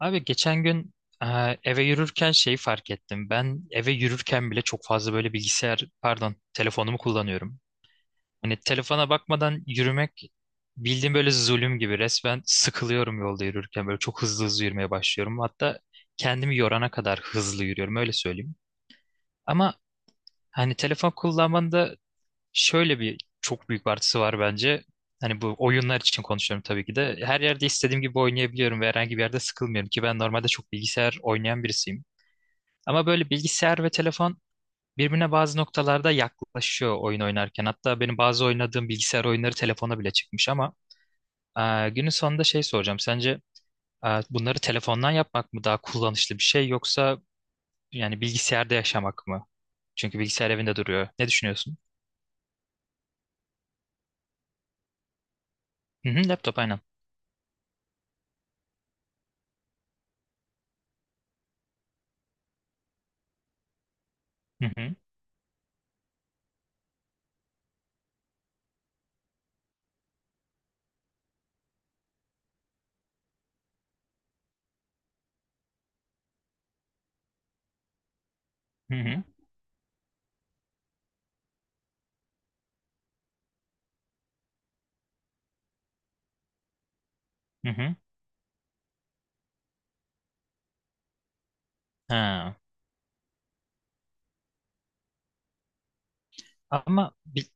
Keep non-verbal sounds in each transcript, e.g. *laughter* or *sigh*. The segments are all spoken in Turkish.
Abi geçen gün e, eve yürürken şeyi fark ettim. Ben eve yürürken bile çok fazla böyle bilgisayar, pardon, telefonumu kullanıyorum. Hani telefona bakmadan yürümek bildiğim böyle zulüm gibi. Resmen sıkılıyorum yolda yürürken. Böyle çok hızlı hızlı yürümeye başlıyorum. Hatta kendimi yorana kadar hızlı yürüyorum öyle söyleyeyim. Ama hani telefon kullanmanın da şöyle bir çok büyük bir artısı var bence. Hani bu oyunlar için konuşuyorum tabii ki de. Her yerde istediğim gibi oynayabiliyorum ve herhangi bir yerde sıkılmıyorum ki ben normalde çok bilgisayar oynayan birisiyim. Ama böyle bilgisayar ve telefon birbirine bazı noktalarda yaklaşıyor oyun oynarken. Hatta benim bazı oynadığım bilgisayar oyunları telefona bile çıkmış ama günün sonunda şey soracağım. Sence bunları telefondan yapmak mı daha kullanışlı bir şey yoksa yani bilgisayarda yaşamak mı? Çünkü bilgisayar evinde duruyor. Ne düşünüyorsun? Hı hı, laptop aynen. Hı hı, hı hı. Hı hı. Ha. Ama bil-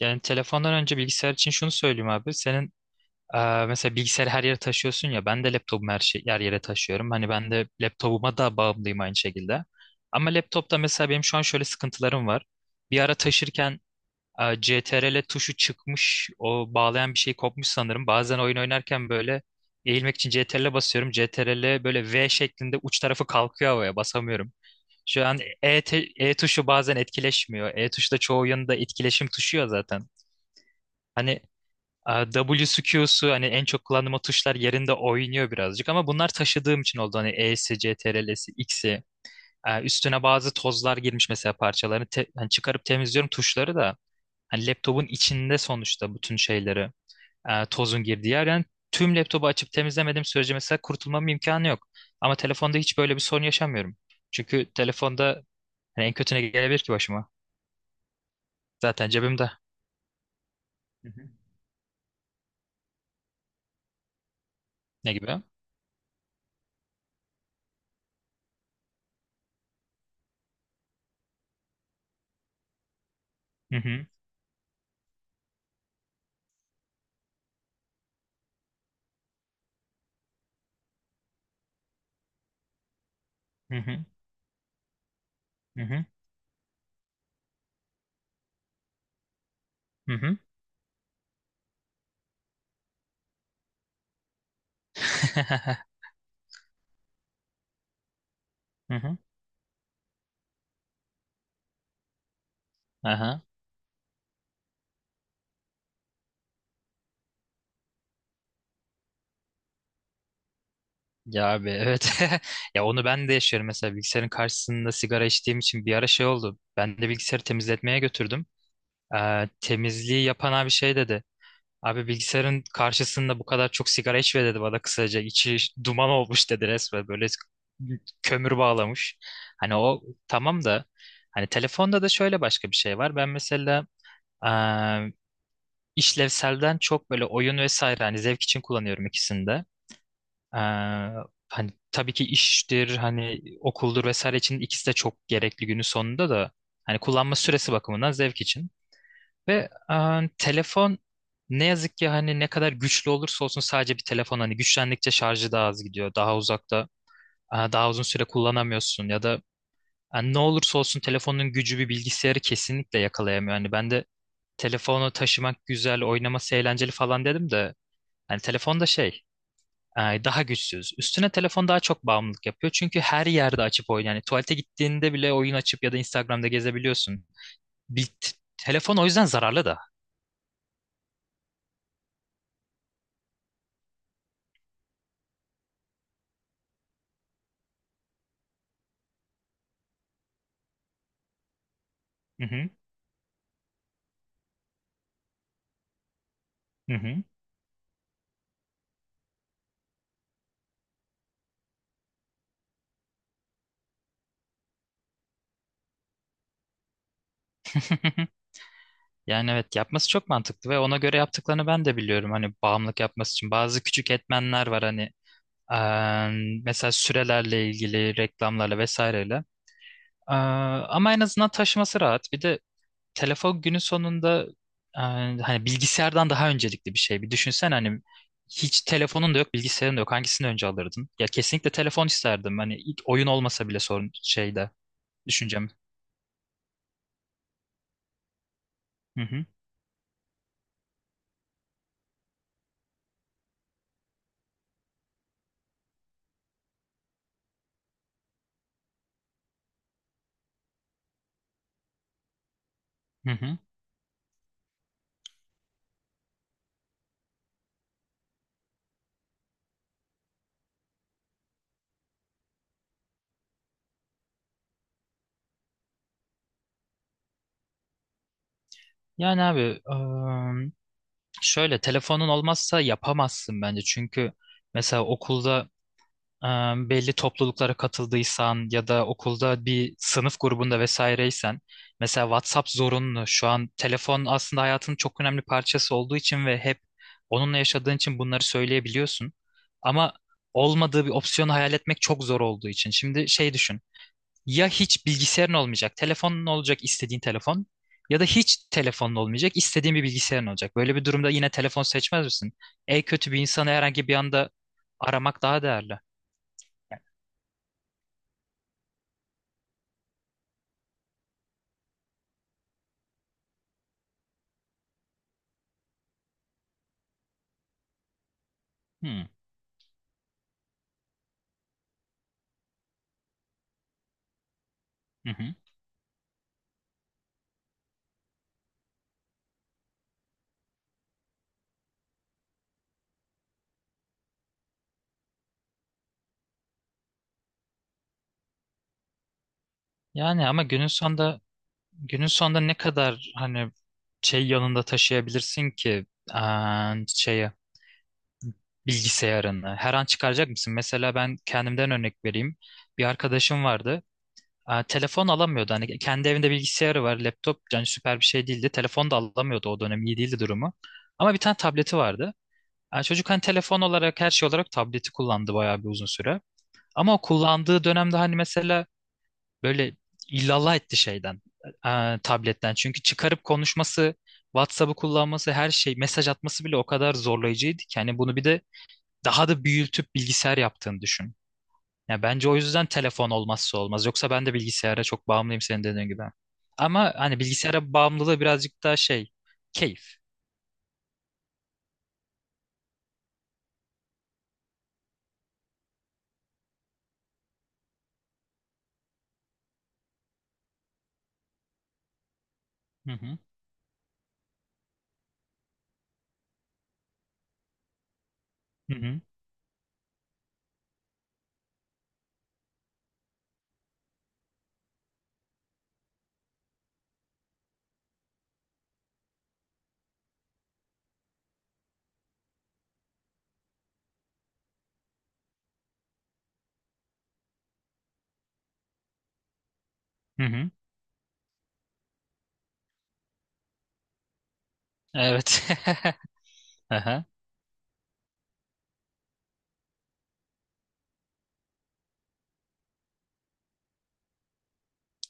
Yani telefondan önce bilgisayar için şunu söyleyeyim abi. Senin mesela bilgisayarı her yere taşıyorsun ya. Ben de laptopumu her şey her yere taşıyorum. Hani ben de laptopuma da bağımlıyım aynı şekilde. Ama laptopta mesela benim şu an şöyle sıkıntılarım var. Bir ara taşırken CTRL tuşu çıkmış. O bağlayan bir şey kopmuş sanırım. Bazen oyun oynarken böyle eğilmek için CTRL basıyorum. CTRL böyle V şeklinde uç tarafı kalkıyor havaya basamıyorum. Şu an E tuşu bazen etkileşmiyor. E tuşu da çoğu oyunda etkileşim tuşu ya zaten. Hani W'su Q'su hani en çok kullandığım o tuşlar yerinde oynuyor birazcık ama bunlar taşıdığım için oldu. Hani E'si, CTRL'si, X'i. Üstüne bazı tozlar girmiş mesela hani çıkarıp temizliyorum tuşları da. Hani laptopun içinde sonuçta bütün şeyleri tozun girdiği yer. Yani tüm laptopu açıp temizlemediğim sürece mesela kurtulmam imkanı yok. Ama telefonda hiç böyle bir sorun yaşamıyorum. Çünkü telefonda hani en kötü ne gelebilir ki başıma? Zaten cebimde. Hı hı. Ne gibi? Hı hı. Hı hı. Hı hı. Hı hı. *laughs* Hı hı. Aha. Ya abi evet. *laughs* Ya onu ben de yaşıyorum mesela bilgisayarın karşısında sigara içtiğim için bir ara şey oldu. Ben de bilgisayarı temizletmeye götürdüm. Temizliği yapan abi şey dedi. Abi bilgisayarın karşısında bu kadar çok sigara içme dedi bana kısaca. İçi duman olmuş dedi resmen böyle kömür bağlamış. Hani o tamam da hani telefonda da şöyle başka bir şey var. Ben mesela işlevselden çok böyle oyun vesaire hani zevk için kullanıyorum ikisini de. Ee, hani tabii ki iştir hani okuldur vesaire için ikisi de çok gerekli günün sonunda da hani kullanma süresi bakımından zevk için. Ve telefon ne yazık ki hani ne kadar güçlü olursa olsun sadece bir telefon hani güçlendikçe şarjı daha az gidiyor. Daha uzakta daha uzun süre kullanamıyorsun ya da yani ne olursa olsun telefonun gücü bir bilgisayarı kesinlikle yakalayamıyor. Hani ben de telefonu taşımak güzel, oynaması eğlenceli falan dedim de hani telefonda şey daha güçsüz. Üstüne telefon daha çok bağımlılık yapıyor. Çünkü her yerde açıp oyun. Yani tuvalete gittiğinde bile oyun açıp ya da Instagram'da gezebiliyorsun. Telefon o yüzden zararlı da. Hı hı, hı hı. *laughs* Yani evet yapması çok mantıklı ve ona göre yaptıklarını ben de biliyorum. Hani bağımlılık yapması için bazı küçük etmenler var hani mesela sürelerle ilgili, reklamlarla vesaireyle. Eee, ama en azından taşıması rahat. Bir de telefon günün sonunda hani bilgisayardan daha öncelikli bir şey. Bir düşünsen hani hiç telefonun da yok, bilgisayarın da yok. Hangisini önce alırdın? Ya kesinlikle telefon isterdim. Hani ilk oyun olmasa bile sorun şeyde düşüncem. Hı hı. Hı hı. Yani abi eee, şöyle telefonun olmazsa yapamazsın bence. Çünkü mesela okulda e, belli topluluklara katıldıysan ya da okulda bir sınıf grubunda vesaireysen mesela WhatsApp zorunlu. Şu an telefon aslında hayatının çok önemli parçası olduğu için ve hep onunla yaşadığın için bunları söyleyebiliyorsun. Ama olmadığı bir opsiyonu hayal etmek çok zor olduğu için. Şimdi şey düşün. Ya hiç bilgisayarın olmayacak, telefonun olacak istediğin telefon ya da hiç telefonun olmayacak, istediğin bir bilgisayarın olacak. Böyle bir durumda yine telefon seçmez misin? En kötü bir insanı herhangi bir anda aramak daha değerli. Hmm. Hı hı. Yani ama günün sonunda ne kadar hani şey yanında taşıyabilirsin ki aa, şeye bilgisayarını her an çıkaracak mısın? Mesela ben kendimden örnek vereyim. Bir arkadaşım vardı. Aa, telefon alamıyordu. Hani kendi evinde bilgisayarı var, laptop yani süper bir şey değildi. Telefon da alamıyordu o dönem iyi değildi durumu. Ama bir tane tableti vardı. Yani çocuk hani telefon olarak her şey olarak tableti kullandı bayağı bir uzun süre. Ama o kullandığı dönemde hani mesela böyle illallah etti şeyden, tabletten. Çünkü çıkarıp konuşması, WhatsApp'ı kullanması, her şey, mesaj atması bile o kadar zorlayıcıydı ki. Yani bunu bir de daha da büyütüp bilgisayar yaptığını düşün. Yani bence o yüzden telefon olmazsa olmaz. Yoksa ben de bilgisayara çok bağımlıyım senin dediğin gibi. Ama hani bilgisayara bağımlılığı birazcık daha şey, keyif. Hı hı. Hı hı. Evet. Hı hı. Evet. *laughs* Aha.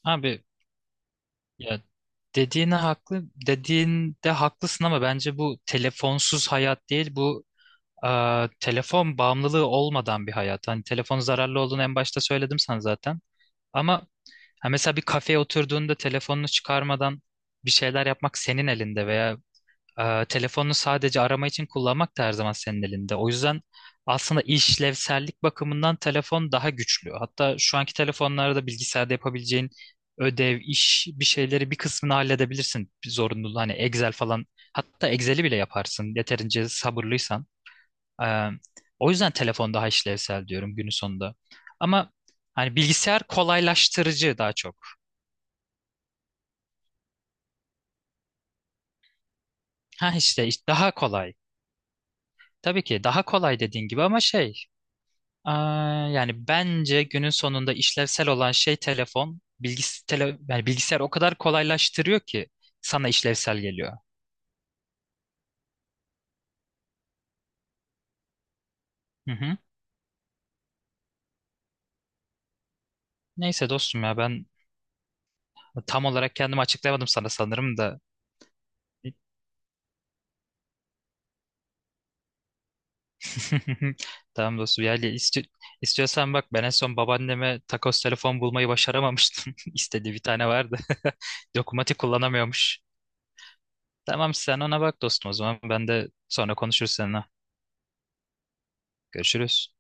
Abi ya dediğine haklı dediğinde haklısın ama bence bu telefonsuz hayat değil bu e, telefon bağımlılığı olmadan bir hayat. Hani telefonun zararlı olduğunu en başta söyledim sana zaten. Ama ha, mesela bir kafeye oturduğunda telefonunu çıkarmadan bir şeyler yapmak senin elinde veya telefonunu sadece arama için kullanmak da her zaman senin elinde. O yüzden aslında işlevsellik bakımından telefon daha güçlü. Hatta şu anki telefonlarda bilgisayarda yapabileceğin ödev, iş bir şeyleri bir kısmını halledebilirsin. Bir zorunluluğu hani Excel falan. Hatta Excel'i bile yaparsın yeterince sabırlıysan. Ee, o yüzden telefon daha işlevsel diyorum günün sonunda. Ama hani bilgisayar kolaylaştırıcı daha çok. Ha işte işte daha kolay. Tabii ki daha kolay dediğin gibi ama şey aa, yani bence günün sonunda işlevsel olan şey telefon. Yani bilgisayar o kadar kolaylaştırıyor ki sana işlevsel geliyor. Hı hı. Neyse dostum ya ben tam olarak kendimi açıklayamadım sana sanırım da. *laughs* Tamam dostum yani istiyorsan bak ben en son babaanneme takos telefon bulmayı başaramamıştım. *laughs* İstediği bir tane vardı. *laughs* Dokunmatik kullanamıyormuş. Tamam sen ona bak dostum o zaman ben de sonra konuşuruz seninle. Görüşürüz.